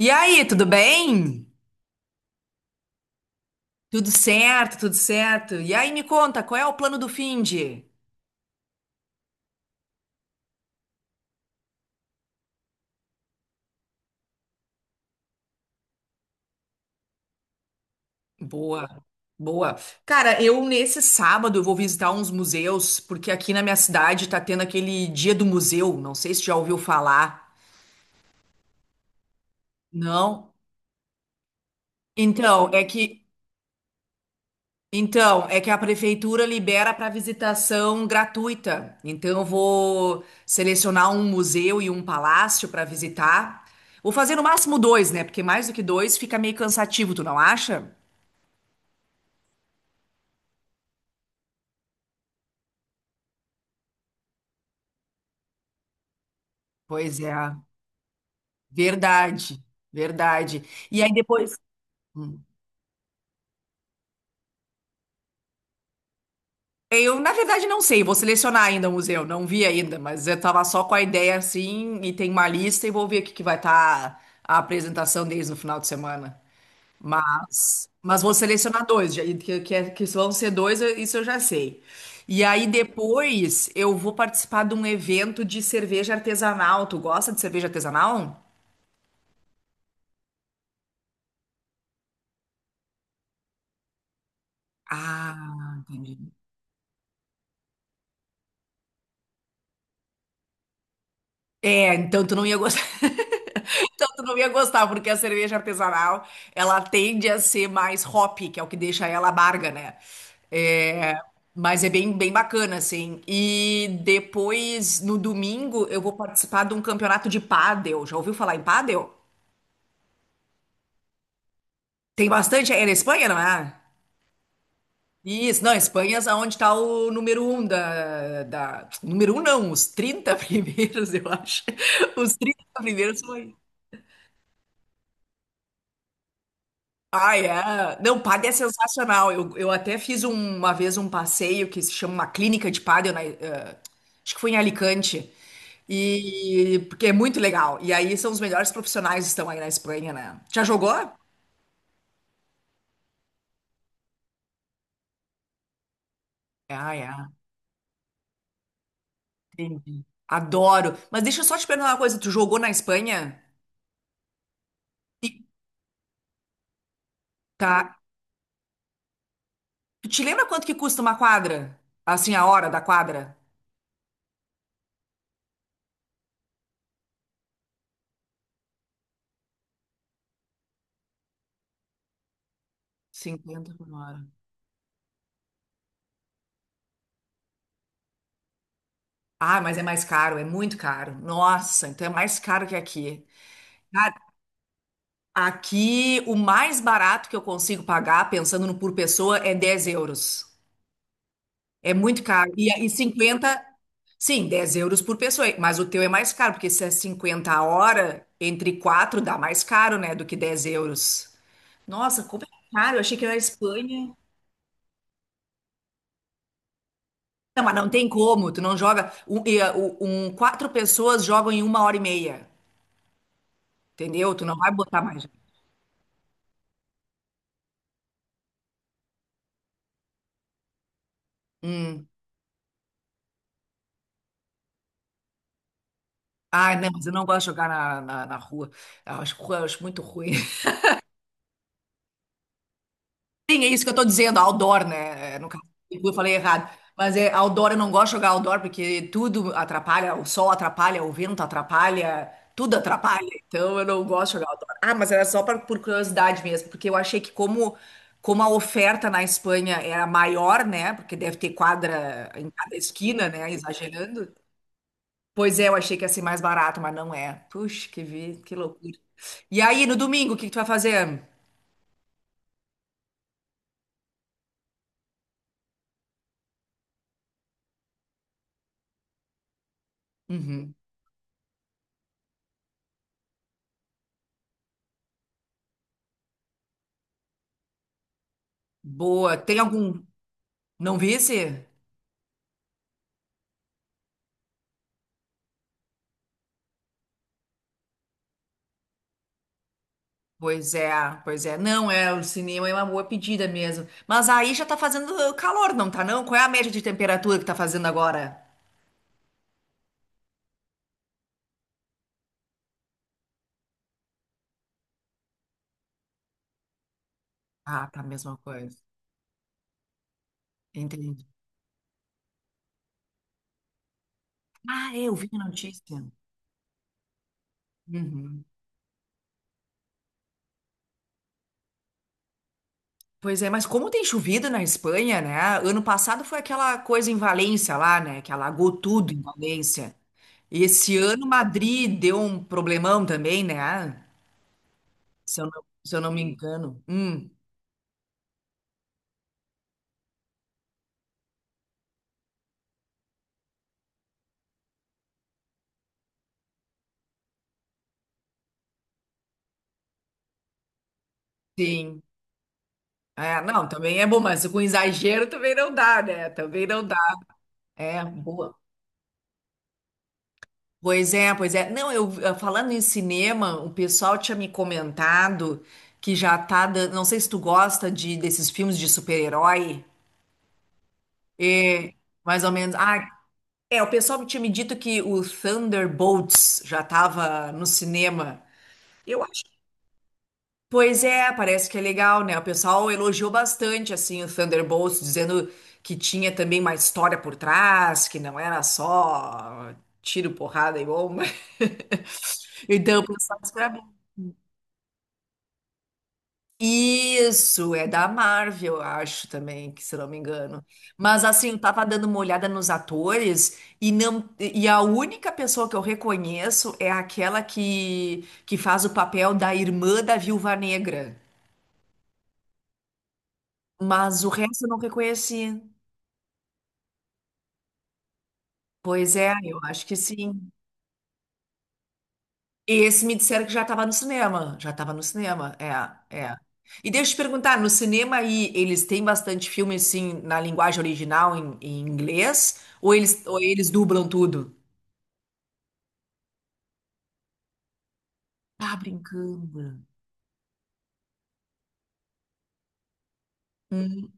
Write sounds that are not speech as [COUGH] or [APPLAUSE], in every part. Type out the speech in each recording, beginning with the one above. E aí, tudo bem? Tudo certo, tudo certo. E aí, me conta, qual é o plano do finde? Boa, boa. Cara, eu nesse sábado eu vou visitar uns museus, porque aqui na minha cidade tá tendo aquele dia do museu, não sei se já ouviu falar. Não? Então, é que Então, é que a prefeitura libera para visitação gratuita. Então, eu vou selecionar um museu e um palácio para visitar. Vou fazer no máximo dois, né? Porque mais do que dois fica meio cansativo, tu não acha? Pois é, verdade, verdade. E aí depois. Hum. Eu, na verdade, não sei, vou selecionar ainda o museu, não vi ainda, mas eu tava só com a ideia assim, e tem uma lista e vou ver o que que vai estar a apresentação deles no final de semana. Mas vou selecionar dois, que vão ser dois, isso eu já sei. E aí depois eu vou participar de um evento de cerveja artesanal. Tu gosta de cerveja artesanal? Ah, entendi. É, então tu não ia gostar. [LAUGHS] Então tu não ia gostar, porque a cerveja artesanal, ela tende a ser mais hop, que é o que deixa ela amarga, né? É, mas é bem, bem bacana, assim. E depois, no domingo, eu vou participar de um campeonato de pádel. Já ouviu falar em pádel? Tem bastante, é na Espanha, não é? Isso, não, Espanha é onde está o número um da. Número um não, os 30 [LAUGHS] primeiros, eu acho. [LAUGHS] Os 30 primeiros foi. Ah, é. Não, pádel é sensacional. Eu até fiz uma vez um passeio que se chama uma clínica de pádel, acho que foi em Alicante. E porque é muito legal. E aí são os melhores profissionais que estão aí na Espanha, né? Já jogou? Ah, é. Entendi. Adoro. Mas deixa eu só te perguntar uma coisa. Tu jogou na Espanha? E- Tá. Tu te lembra quanto que custa uma quadra? Assim, a hora da quadra? 50 por hora. Ah, mas é mais caro, é muito caro. Nossa, então é mais caro que aqui. Ah, aqui, o mais barato que eu consigo pagar, pensando no por pessoa, é 10 euros. É muito caro. E 50 sim, 10 euros por pessoa. Mas o teu é mais caro, porque se é 50 a hora, entre 4 dá mais caro, né, do que 10 euros. Nossa, como é caro? Eu achei que era a Espanha. Não, mas não tem como. Tu não joga. Quatro pessoas jogam em uma hora e meia. Entendeu? Tu não vai botar mais. Hum. Ah, não, mas eu não gosto de jogar na rua. Eu acho muito ruim. Sim, é isso que eu tô dizendo, outdoor, né? É, no caso, eu falei errado. Mas é outdoor, eu não gosto de jogar outdoor porque tudo atrapalha, o sol atrapalha, o vento atrapalha, tudo atrapalha. Então eu não gosto de jogar outdoor. Ah, mas era só pra, por curiosidade mesmo, porque eu achei que como a oferta na Espanha era maior, né? Porque deve ter quadra em cada esquina, né? Exagerando. Pois é, eu achei que ia ser mais barato, mas não é. Puxa, que vi, que loucura. E aí, no domingo, o que que tu vai fazer? Uhum. Boa. Tem algum. Não visse? Pois é, pois é. Não, é, o cinema é uma boa pedida mesmo. Mas aí já tá fazendo calor, não tá não? Qual é a média de temperatura que tá fazendo agora? Ah, tá a mesma coisa. Entendi. Ah, é, eu vi a notícia. Uhum. Pois é, mas como tem chovido na Espanha, né? Ano passado foi aquela coisa em Valência lá, né? Que alagou tudo em Valência. E esse ano Madrid deu um problemão também, né? Se eu não me engano. Sim. É, não, também é bom, mas com exagero também não dá, né? Também não dá. É, boa. Pois é, pois é. Não, eu falando em cinema, o pessoal tinha me comentado que já tá dando. Não sei se tu gosta de desses filmes de super-herói. É, mais ou menos. Ah, é, o pessoal tinha me dito que o Thunderbolts já tava no cinema. Eu acho. Pois é, parece que é legal, né? O pessoal elogiou bastante assim o Thunderbolts, dizendo que tinha também uma história por trás, que não era só tiro, porrada e bomba. [LAUGHS] Então, o pessoal esperava. Isso, é da Marvel, eu acho também, que se não me engano. Mas assim, eu tava dando uma olhada nos atores e não e a única pessoa que eu reconheço é aquela que faz o papel da irmã da Viúva Negra. Mas o resto eu não reconheci. Pois é, eu acho que sim. E esse me disseram que já estava no cinema. Já estava no cinema, é, é. E deixa eu te perguntar, no cinema aí eles têm bastante filme assim na linguagem original em inglês ou eles dublam tudo? Tá brincando. Hum,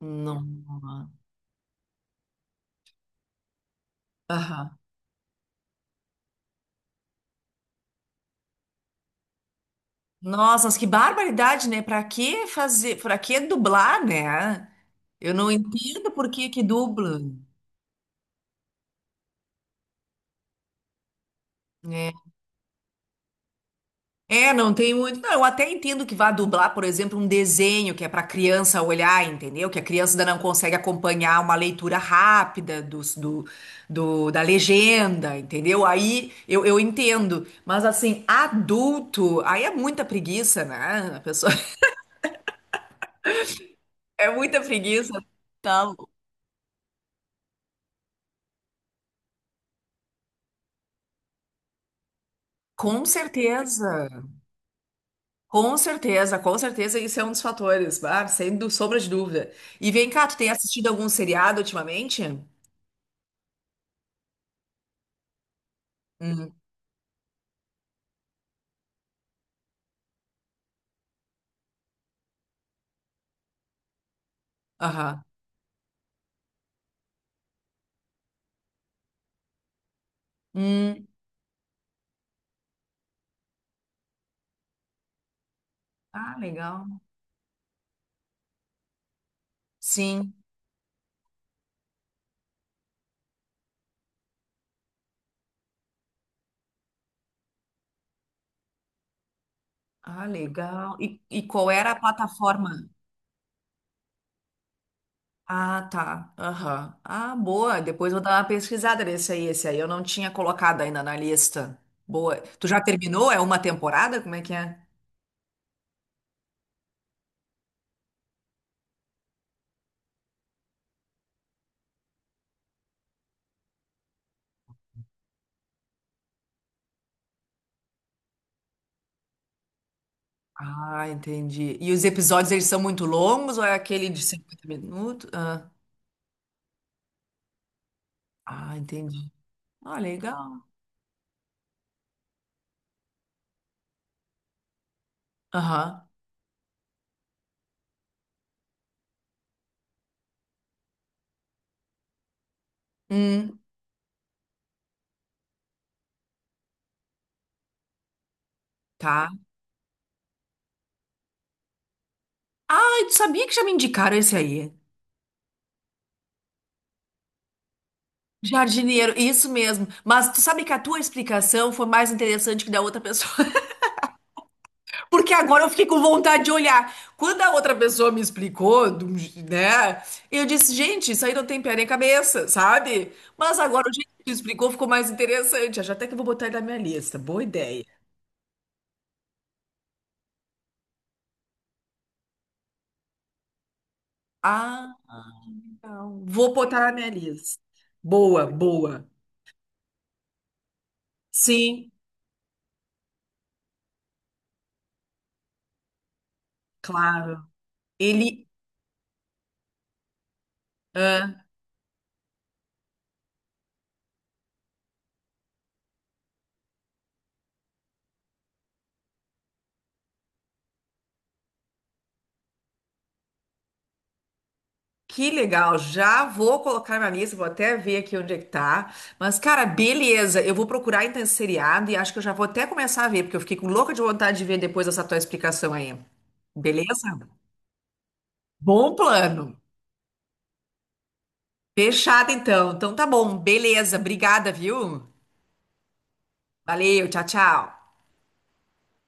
não. Aham. Nossa, mas que barbaridade, né? Pra que fazer, pra que dublar, né? Eu não entendo por que que dubla. Né? É, não tem muito. Não, eu até entendo que vá dublar, por exemplo, um desenho que é para criança olhar, entendeu? Que a criança ainda não consegue acompanhar uma leitura rápida da legenda, entendeu? Aí eu entendo. Mas assim, adulto, aí é muita preguiça, né? A pessoa [LAUGHS] é muita preguiça. Com certeza. Com certeza, com certeza, isso é um dos fatores, ah, sem sombra de dúvida. E vem cá, tu tem assistido algum seriado ultimamente? Hum, aham. Hum. Ah, legal. Sim. Ah, legal. E qual era a plataforma? Ah, tá. Aham. Ah, boa. Depois vou dar uma pesquisada nesse aí. Esse aí eu não tinha colocado ainda na lista. Boa. Tu já terminou? É uma temporada? Como é que é? Ah, entendi. E os episódios, eles são muito longos ou é aquele de 50 minutos? Entendi. Ah, legal. Aham. Hum, tá. Ah, tu sabia que já me indicaram esse aí? Jardineiro, isso mesmo. Mas tu sabe que a tua explicação foi mais interessante que da outra pessoa, [LAUGHS] porque agora eu fiquei com vontade de olhar. Quando a outra pessoa me explicou, né? Eu disse, gente, isso aí não tem pé nem cabeça, sabe? Mas agora o jeito que tu explicou ficou mais interessante. Acho até que eu vou botar ele na minha lista. Boa ideia. Ah, não. Vou botar na minha lista. Boa, boa. Sim, claro. Ele. Que legal, já vou colocar na lista, vou até ver aqui onde é que tá. Mas, cara, beleza, eu vou procurar então esse seriado e acho que eu já vou até começar a ver, porque eu fiquei com louca de vontade de ver depois dessa tua explicação aí. Beleza? Bom plano. Fechado então. Então tá bom, beleza, obrigada, viu? Valeu, tchau, tchau.